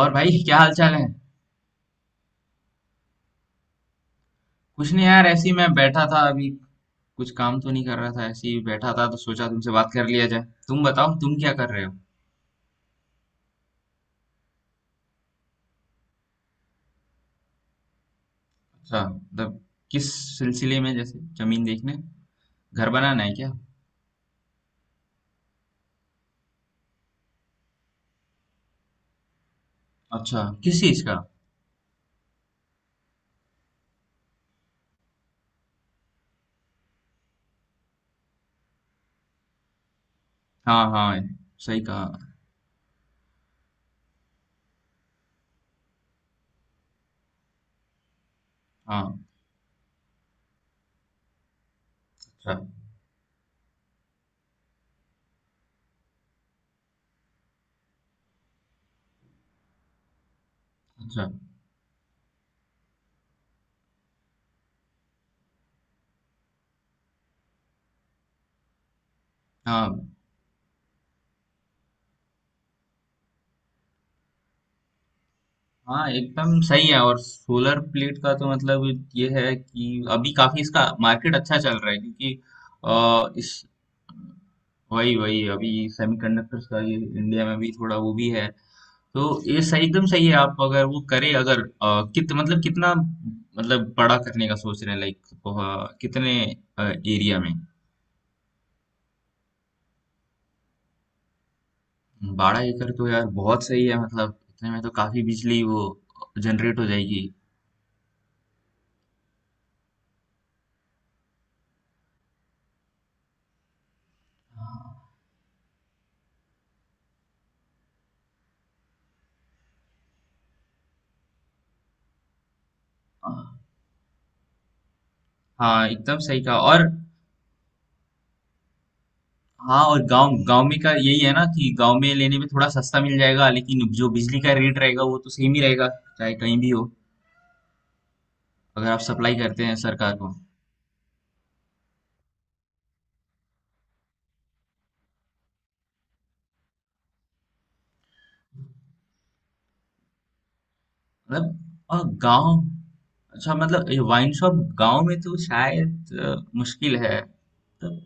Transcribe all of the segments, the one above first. और भाई क्या हाल चाल है। कुछ नहीं यार, ऐसे ही मैं बैठा था अभी। कुछ काम तो नहीं कर रहा था, ऐसे ही बैठा था तो सोचा तुमसे बात कर लिया जाए। तुम बताओ, तुम क्या कर रहे हो? अच्छा, मतलब किस सिलसिले में, जैसे जमीन देखने? घर बनाना है क्या? अच्छा, किस चीज का? हाँ हाँ, सही कहा। हाँ। अच्छा। अच्छा। हाँ हाँ, एकदम सही है। और सोलर प्लेट का तो मतलब ये है कि अभी काफी इसका मार्केट अच्छा चल रहा है, क्योंकि इस वही वही अभी सेमीकंडक्टर्स का ये इंडिया में भी थोड़ा वो भी है तो, ये सही एकदम सही है। आप अगर वो करे, अगर अ, कित मतलब कितना, मतलब बड़ा करने का सोच रहे हैं, लाइक कितने एरिया में? 12 एकड़ तो यार बहुत सही है, मतलब इतने में तो काफी बिजली वो जनरेट हो जाएगी। अ, हाँ एकदम सही कहा। और हाँ, और गांव गांव में का यही है ना, कि गांव में लेने में थोड़ा सस्ता मिल जाएगा, लेकिन जो बिजली का रेट रहेगा वो तो सेम ही रहेगा, चाहे कहीं भी हो। अगर आप सप्लाई करते हैं सरकार को। मतलब और गांव, अच्छा मतलब ये वाइन शॉप गांव में तो शायद मुश्किल है। मतलब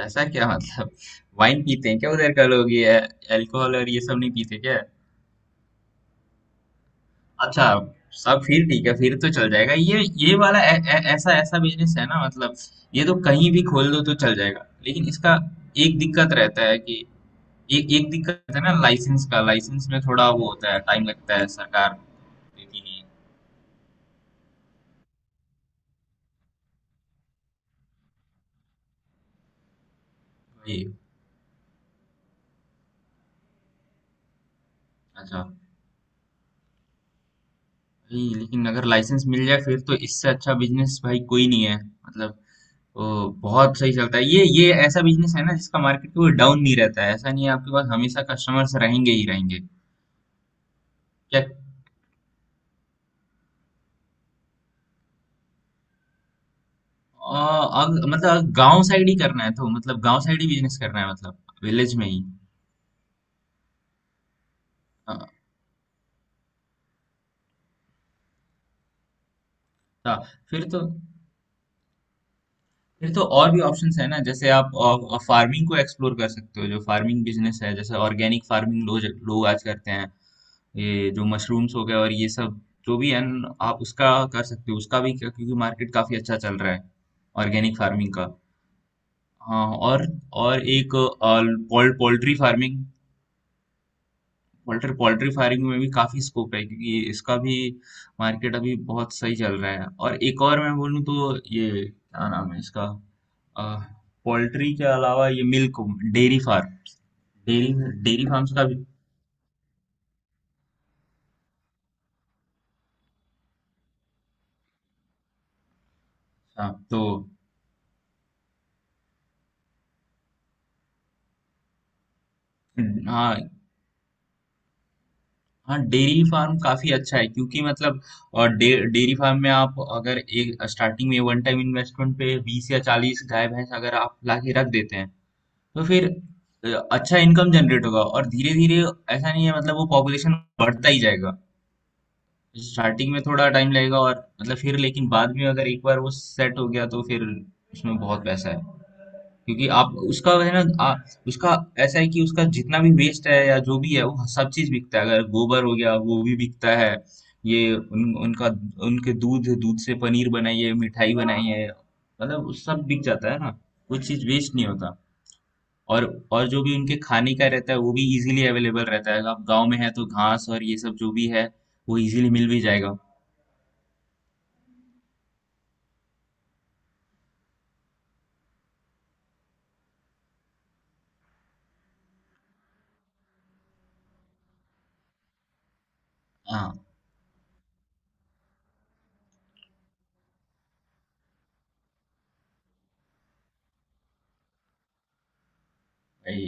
ऐसा क्या मतलब, वाइन पीते हैं क्या उधर का लोग, ये अल्कोहल और ये सब नहीं पीते क्या? अच्छा, सब फिर ठीक है, फिर तो चल जाएगा। ये वाला ऐ, ऐ, ऐसा ऐसा बिजनेस है ना मतलब, ये तो कहीं भी खोल दो तो चल जाएगा, लेकिन इसका एक दिक्कत रहता है कि एक एक दिक्कत है ना, लाइसेंस का। लाइसेंस में थोड़ा वो होता है, टाइम लगता है, सरकार देती नहीं है। वही। अच्छा। भाई लेकिन अगर लाइसेंस मिल जाए फिर तो इससे अच्छा बिजनेस भाई कोई नहीं है, मतलब वो बहुत सही चलता है। ये ऐसा बिजनेस है ना जिसका मार्केट कोई डाउन नहीं रहता है, ऐसा नहीं है, आपके पास हमेशा कस्टमर्स रहेंगे ही रहेंगे। क्या आ, मतलब गांव साइड ही करना है, तो मतलब गांव साइड ही बिजनेस करना है, मतलब विलेज में ही? अच्छा, फिर तो और भी ऑप्शंस है ना, जैसे आप फार्मिंग को एक्सप्लोर कर सकते हो। जो फार्मिंग बिजनेस है जैसे ऑर्गेनिक फार्मिंग लोग लोग आज करते हैं, ये जो मशरूम्स हो गए और ये सब जो भी है न, आप उसका कर सकते हो। उसका भी क्या- क्योंकि मार्केट काफी अच्छा चल रहा है ऑर्गेनिक फार्मिंग का। हाँ, और एक poultry farming. Poultry poultry farming में भी काफी स्कोप है, क्योंकि इसका भी मार्केट अभी बहुत सही चल रहा है। और एक और मैं बोलूँ तो ये क्या नाम है इसका, पोल्ट्री के अलावा ये milk, dairy farm. Dairy dairy farms का भी। हाँ तो। हाँ हाँ, डेयरी फार्म काफी अच्छा है, क्योंकि मतलब अ, डे डेयरी फार्म में आप अगर एक स्टार्टिंग में वन टाइम इन्वेस्टमेंट पे 20 या 40 गाय भैंस अगर आप ला के रख देते हैं, तो फिर अच्छा इनकम जनरेट होगा। और धीरे धीरे, ऐसा नहीं है, मतलब वो पॉपुलेशन बढ़ता ही जाएगा। स्टार्टिंग में थोड़ा टाइम लगेगा और मतलब फिर, लेकिन बाद में अगर एक बार वो सेट हो गया तो फिर उसमें बहुत पैसा है। क्योंकि आप उसका है ना, उसका ऐसा है कि उसका जितना भी वेस्ट है या जो भी है वो सब चीज बिकता है, अगर गोबर हो गया वो भी बिकता है। ये उनका, उनके दूध दूध से पनीर बनाइए, मिठाई बनाइए, मतलब उस सब बिक जाता है ना, कुछ चीज वेस्ट नहीं होता। और और जो भी उनके खाने का रहता है वो भी इजीली अवेलेबल रहता है, आप गांव में है तो घास और ये सब जो भी है वो इजीली मिल भी जाएगा। हाँ वही।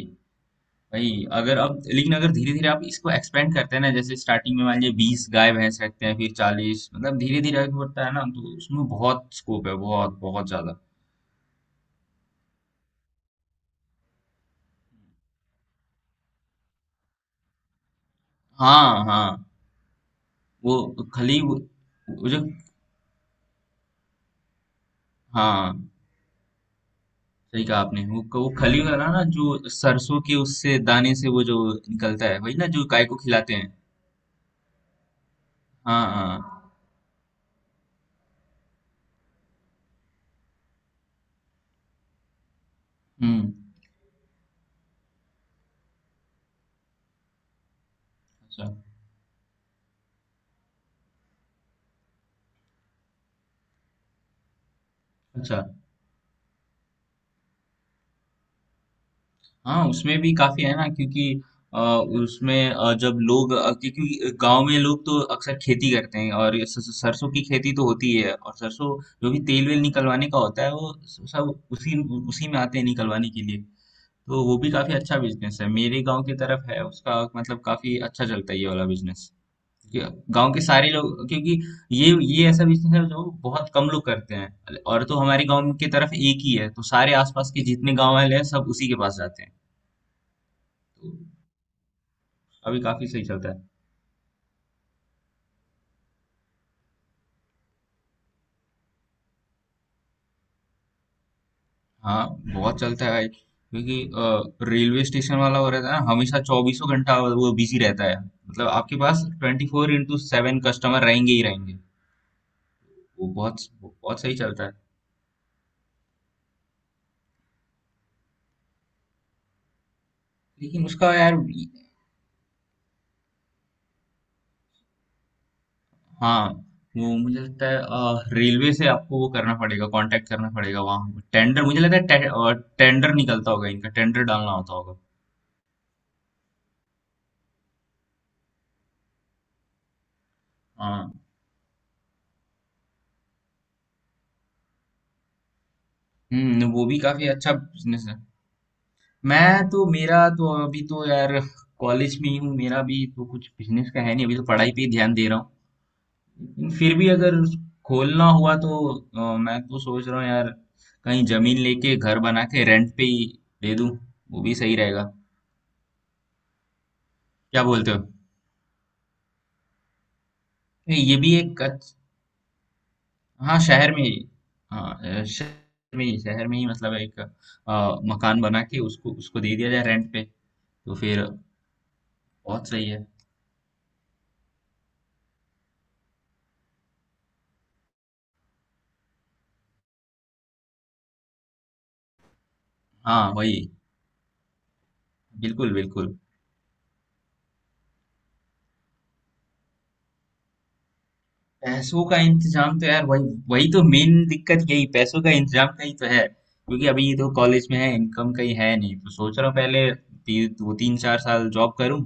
अगर अब, लेकिन अगर धीरे धीरे आप इसको एक्सपेंड करते हैं ना, जैसे स्टार्टिंग में मान लीजिए 20 गाय भैंस रखते हैं, फिर 40, मतलब धीरे धीरे आगे बढ़ता है ना, तो उसमें बहुत स्कोप है, बहुत बहुत ज्यादा। हाँ हाँ, वो खली वो, वो जो, हाँ सही कहा आपने, वो खली वाला ना, जो सरसों के, उससे दाने से वो जो निकलता है, वही ना जो गाय को खिलाते हैं। हाँ हाँ। हम्म। अच्छा अच्छा। हाँ, उसमें भी काफी है ना, क्योंकि अ, उसमें जब लोग क्योंकि गांव में लोग तो अक्सर खेती करते हैं, और ये सरसों की खेती तो होती है, और सरसों जो भी तेल वेल निकलवाने का होता है वो सब उसी उसी में आते हैं निकलवाने के लिए। तो वो भी काफी अच्छा बिजनेस है, मेरे गांव की तरफ है उसका, मतलब काफी अच्छा चलता है ये वाला बिजनेस, क्योंकि गांव के सारे लोग, क्योंकि ये ऐसा बिजनेस है जो बहुत कम लोग करते हैं, और तो हमारे गांव की तरफ एक ही है, तो सारे आसपास के जितने गांव वाले हैं सब उसी के पास जाते हैं, तो अभी काफी सही चलता है। हाँ बहुत चलता है भाई, क्योंकि रेलवे स्टेशन वाला हो रहता है ना, हमेशा चौबीसों घंटा वो बिजी रहता है, मतलब आपके पास 24x7 कस्टमर रहेंगे ही रहेंगे, वो बहुत बहुत सही चलता है। लेकिन उसका यार, हाँ, वो मुझे लगता है रेलवे से आपको वो करना पड़ेगा, कांटेक्ट करना पड़ेगा वहाँ, टेंडर मुझे लगता है टेंडर निकलता होगा इनका, टेंडर डालना होता होगा। हाँ हम्म, वो भी काफी अच्छा बिजनेस है। मैं तो, मेरा तो अभी तो यार कॉलेज में ही हूँ, मेरा भी तो कुछ बिजनेस का है नहीं, अभी तो पढ़ाई पे ही ध्यान दे रहा हूँ। लेकिन फिर भी अगर खोलना हुआ तो मैं तो सोच रहा हूँ यार, कहीं जमीन लेके घर बना के रेंट पे ही दे दूँ, वो भी सही रहेगा। क्या बोलते हो? ये भी एक हाँ शहर में ही, हाँ शहर में ही, मतलब एक मकान बना के उसको उसको दे दिया जाए रेंट पे, तो फिर बहुत सही है। हाँ वही। बिल्कुल बिल्कुल, पैसों का इंतजाम तो यार, वही वही तो मेन दिक्कत, यही पैसों का इंतजाम का ही तो है, क्योंकि अभी ये तो कॉलेज में है, इनकम कहीं है नहीं, तो सोच रहा हूँ पहले दो तीन चार साल जॉब करूँ,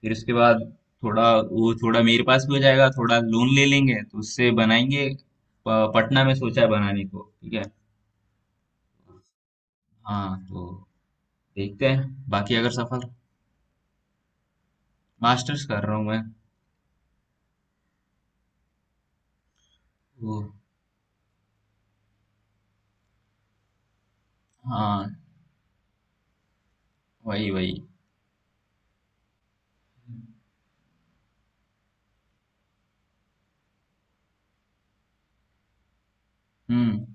फिर उसके बाद थोड़ा वो, थोड़ा मेरे पास भी हो जाएगा, थोड़ा लोन ले लेंगे तो उससे बनाएंगे। पटना में सोचा है बनाने को, ठीक है। हाँ तो, देखते हैं बाकी अगर सफल, मास्टर्स कर रहा हूँ मैं। वो हाँ, वही वही। हम्म।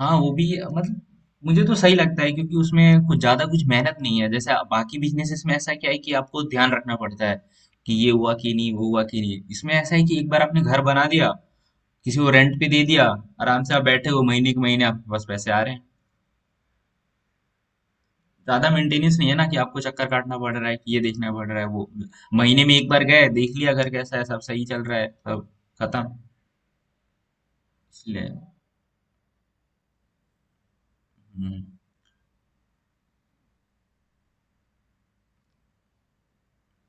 हाँ, वो भी मतलब मुझे तो सही लगता है, क्योंकि उसमें कुछ ज्यादा कुछ मेहनत नहीं है, जैसे बाकी बिजनेसेस में ऐसा क्या है कि आपको ध्यान रखना पड़ता है कि ये हुआ कि नहीं, वो हुआ कि नहीं। इसमें ऐसा है कि एक बार आपने घर बना दिया, किसी को रेंट पे दे दिया, आराम से आप बैठे हो, महीने के महीने आपके पास पैसे आ रहे हैं। ज्यादा मेंटेनेंस नहीं है ना, कि आपको चक्कर काटना पड़ रहा है, कि ये देखना पड़ रहा है, वो महीने में एक बार गए देख लिया घर कैसा है, सब सही चल रहा है, सब खत्म। इसलिए हम्म।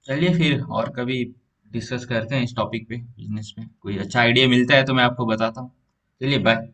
चलिए, फिर और कभी डिस्कस करते हैं इस टॉपिक पे, बिजनेस पे कोई अच्छा आइडिया मिलता है तो मैं आपको बताता हूँ। चलिए, बाय।